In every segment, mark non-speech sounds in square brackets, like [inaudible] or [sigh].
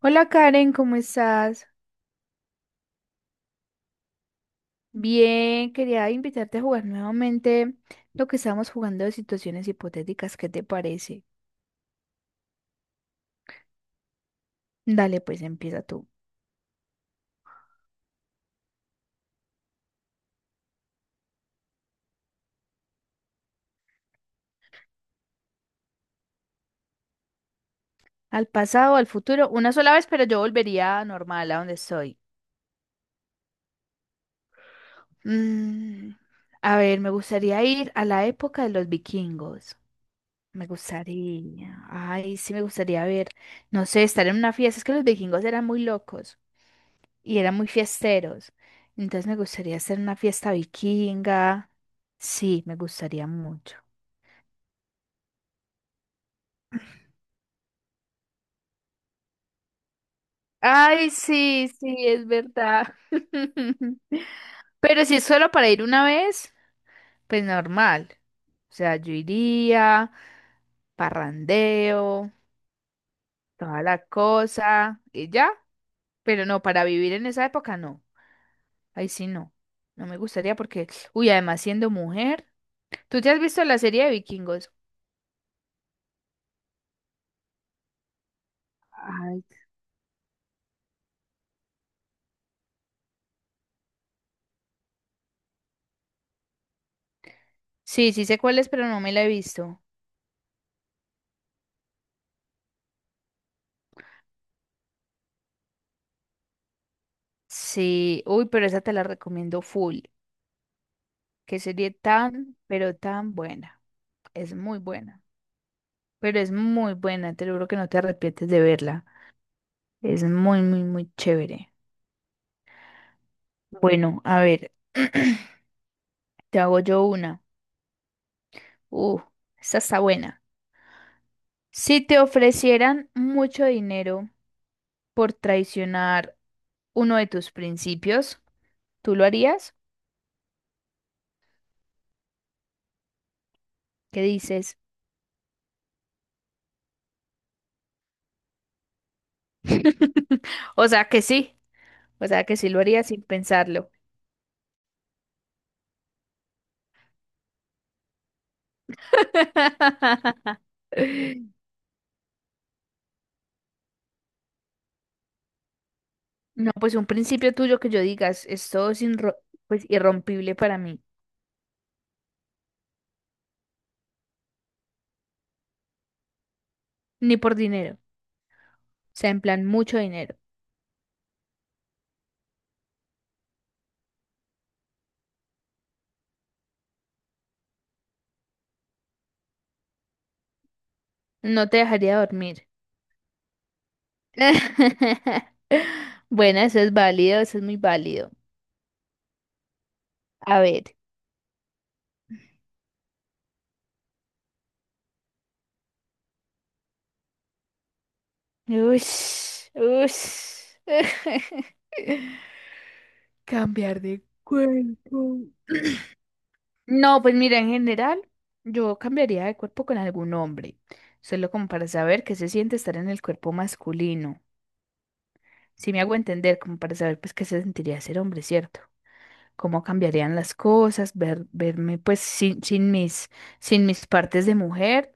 Hola Karen, ¿cómo estás? Bien, quería invitarte a jugar nuevamente lo que estábamos jugando de situaciones hipotéticas, ¿qué te parece? Dale, pues empieza tú. Al pasado, al futuro, una sola vez, pero yo volvería normal a donde estoy. Mm, a ver, me gustaría ir a la época de los vikingos. Me gustaría, ay, sí, me gustaría ver, no sé, estar en una fiesta, es que los vikingos eran muy locos. Y eran muy fiesteros. Entonces me gustaría hacer una fiesta vikinga. Sí, me gustaría mucho. Ay, sí, sí, es verdad. [laughs] Pero si es solo para ir una vez, pues normal. O sea, yo iría, parrandeo, toda la cosa y ya. Pero no, para vivir en esa época no. Ahí sí no. No me gustaría porque, uy, además siendo mujer, ¿tú te has visto la serie de vikingos? Ay. Sí, sí sé cuál es, pero no me la he visto. Sí, uy, pero esa te la recomiendo full. Que sería tan, pero tan buena. Es muy buena, pero es muy buena, te lo juro que no te arrepientes de verla. Es muy, muy, muy chévere. Bueno, a ver, [clears throat] te hago yo una. Uh, Esta está buena. Si te ofrecieran mucho dinero por traicionar uno de tus principios, ¿tú lo harías? ¿Qué dices? [laughs] O sea que sí. O sea, que sí lo haría sin pensarlo. [laughs] No, pues un principio tuyo que yo digas, esto es pues, irrompible para mí, ni por dinero, o sea, en plan, mucho dinero. No te dejaría dormir. [laughs] Bueno, eso es válido, eso es muy válido. A ver. Ush, ush. [laughs] Cambiar de cuerpo. No, pues mira, en general, yo cambiaría de cuerpo con algún hombre, solo como para saber qué se siente estar en el cuerpo masculino. Si me hago entender, como para saber pues qué se sentiría ser hombre, ¿cierto? Cómo cambiarían las cosas, verme pues sin mis partes de mujer,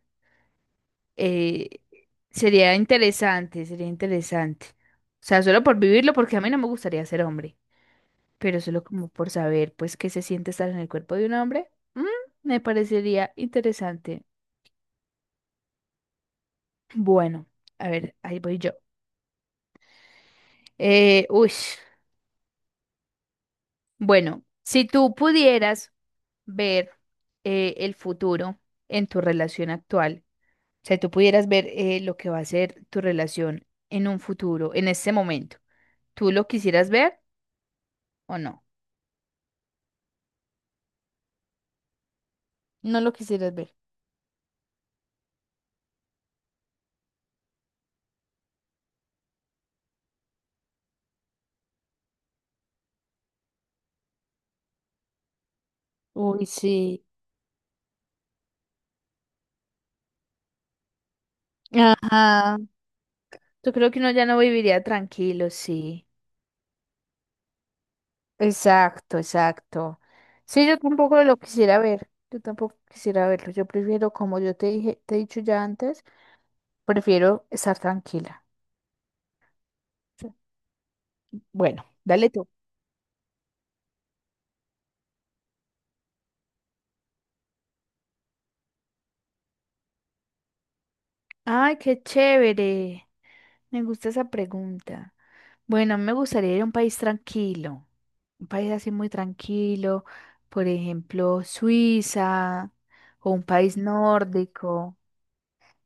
eh, sería interesante, sería interesante. O sea, solo por vivirlo, porque a mí no me gustaría ser hombre, pero solo como por saber pues qué se siente estar en el cuerpo de un hombre, me parecería interesante. Bueno, a ver, ahí voy yo. Uy, bueno, si tú pudieras ver el futuro en tu relación actual, o sea, tú pudieras ver lo que va a ser tu relación en un futuro, en este momento, ¿tú lo quisieras ver o no? No lo quisieras ver. Uy, sí. Ajá. Yo creo que uno ya no viviría tranquilo, sí. Exacto, exacto. Sí, yo tampoco lo quisiera ver. Yo tampoco quisiera verlo. Yo prefiero, como yo te dije, te he dicho ya antes, prefiero estar tranquila. Sí. Bueno, dale tú. Ay, qué chévere. Me gusta esa pregunta. Bueno, a mí me gustaría ir a un país tranquilo, un país así muy tranquilo, por ejemplo, Suiza o un país nórdico.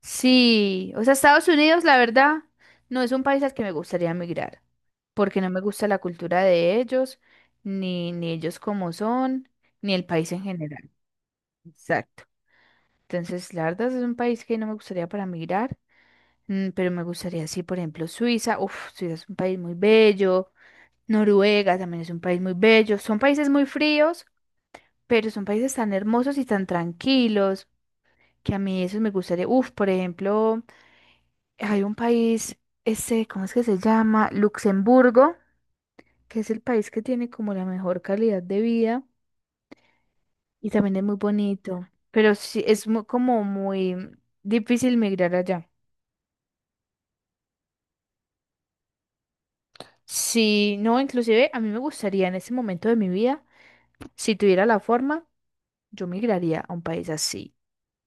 Sí, o sea, Estados Unidos, la verdad, no es un país al que me gustaría emigrar, porque no me gusta la cultura de ellos, ni, ni ellos como son, ni el país en general. Exacto. Entonces, la verdad es un país que no me gustaría para migrar, pero me gustaría, sí, por ejemplo, Suiza. Uf, Suiza es un país muy bello. Noruega también es un país muy bello. Son países muy fríos, pero son países tan hermosos y tan tranquilos que a mí eso me gustaría. Uf, por ejemplo. Hay un país, ese, ¿cómo es que se llama? Luxemburgo, que es el país que tiene como la mejor calidad de vida y también es muy bonito, pero sí es como muy difícil migrar allá. Sí, no, inclusive a mí me gustaría en ese momento de mi vida, si tuviera la forma, yo migraría a un país así,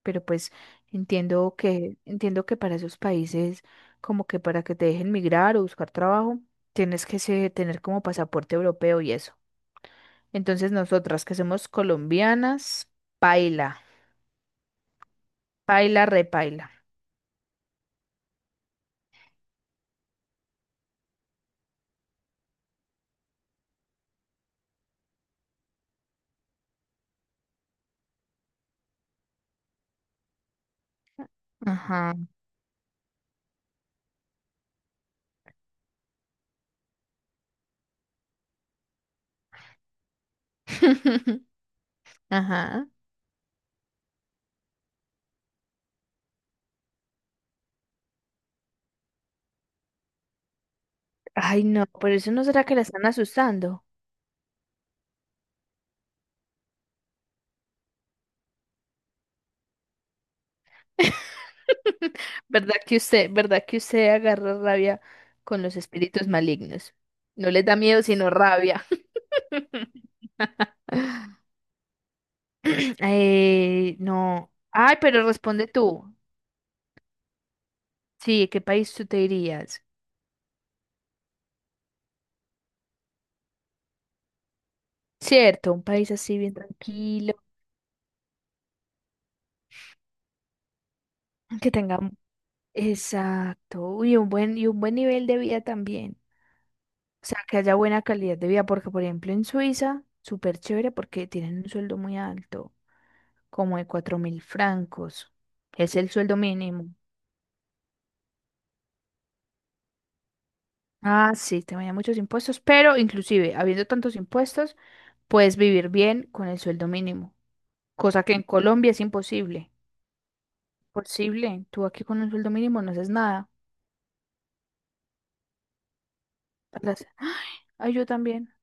pero pues entiendo que para esos países como que para que te dejen migrar o buscar trabajo, tienes que tener como pasaporte europeo y eso. Entonces nosotras que somos colombianas, paila, paila, repaila. Ajá. [laughs] Ajá. Ay, no, por eso no será que la están asustando. [laughs] Verdad que usted agarra rabia con los espíritus malignos? No les da miedo, sino rabia. [laughs] No. Ay, pero responde tú. Sí, ¿qué país tú te irías? Cierto, un país así bien tranquilo, que tenga, un- exacto, y un buen nivel de vida también. O sea, que haya buena calidad de vida, porque por ejemplo en Suiza, súper chévere porque tienen un sueldo muy alto, como de 4.000 francos. Es el sueldo mínimo. Ah, sí, te vayan muchos impuestos, pero inclusive habiendo tantos impuestos, puedes vivir bien con el sueldo mínimo, cosa que en Colombia es imposible. Posible, tú aquí con un sueldo mínimo no haces nada. A las- [gasps] ¡Ay! Ay, yo también.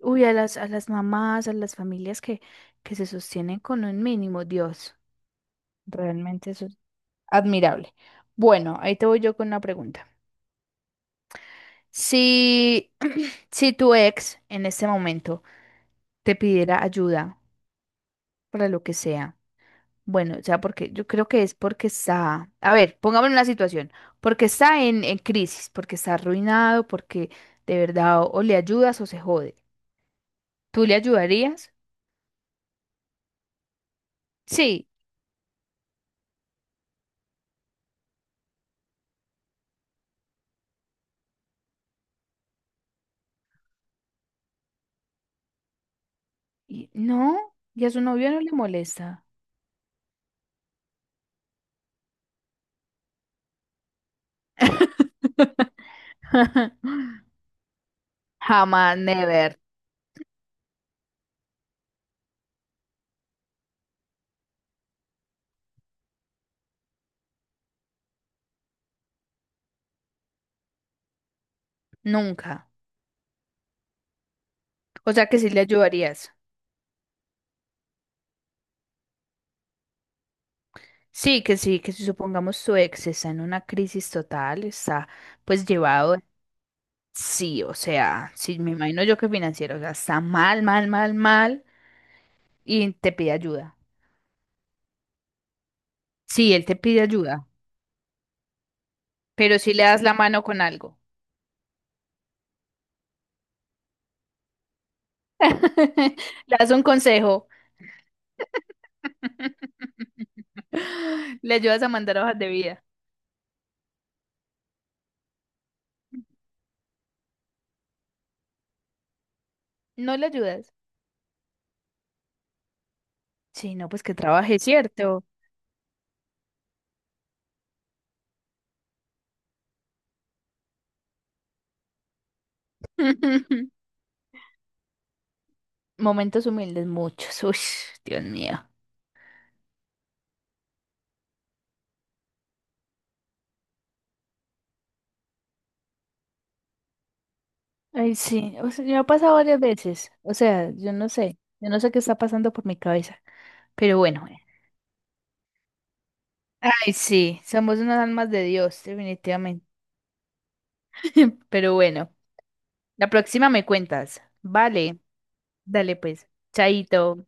Uy, a las mamás, a las familias que se sostienen con un mínimo, Dios. Realmente eso admirable. Bueno, ahí te voy yo con una pregunta. Si, [clears throat] si tu ex en este momento te pidiera ayuda para lo que sea, bueno, o sea, porque yo creo que es porque está, a ver, pongámonos en la situación, porque está en crisis, porque está arruinado, porque de verdad o le ayudas o se jode. ¿Tú le ayudarías? Sí. No, y a su novio no le molesta. [laughs] Jamás, never, nunca. O sea que sí le ayudarías. Sí, que si supongamos su ex está en una crisis total, está pues llevado, sí, o sea, sí, me imagino yo que financiero, o sea, está mal, mal, mal, mal y te pide ayuda. Sí, él te pide ayuda, pero si le das la mano con algo, [laughs] le das un consejo, [laughs] le ayudas a mandar hojas de vida, no le ayudas. Sí, no, pues que trabaje, ¿cierto? [laughs] Momentos humildes, muchos, uy, Dios mío. Ay, sí, o sea, me ha pasado varias veces, o sea, yo no sé qué está pasando por mi cabeza, pero bueno, ay, sí, somos unas almas de Dios, definitivamente, [laughs] pero bueno, la próxima me cuentas, vale, dale pues, chaito.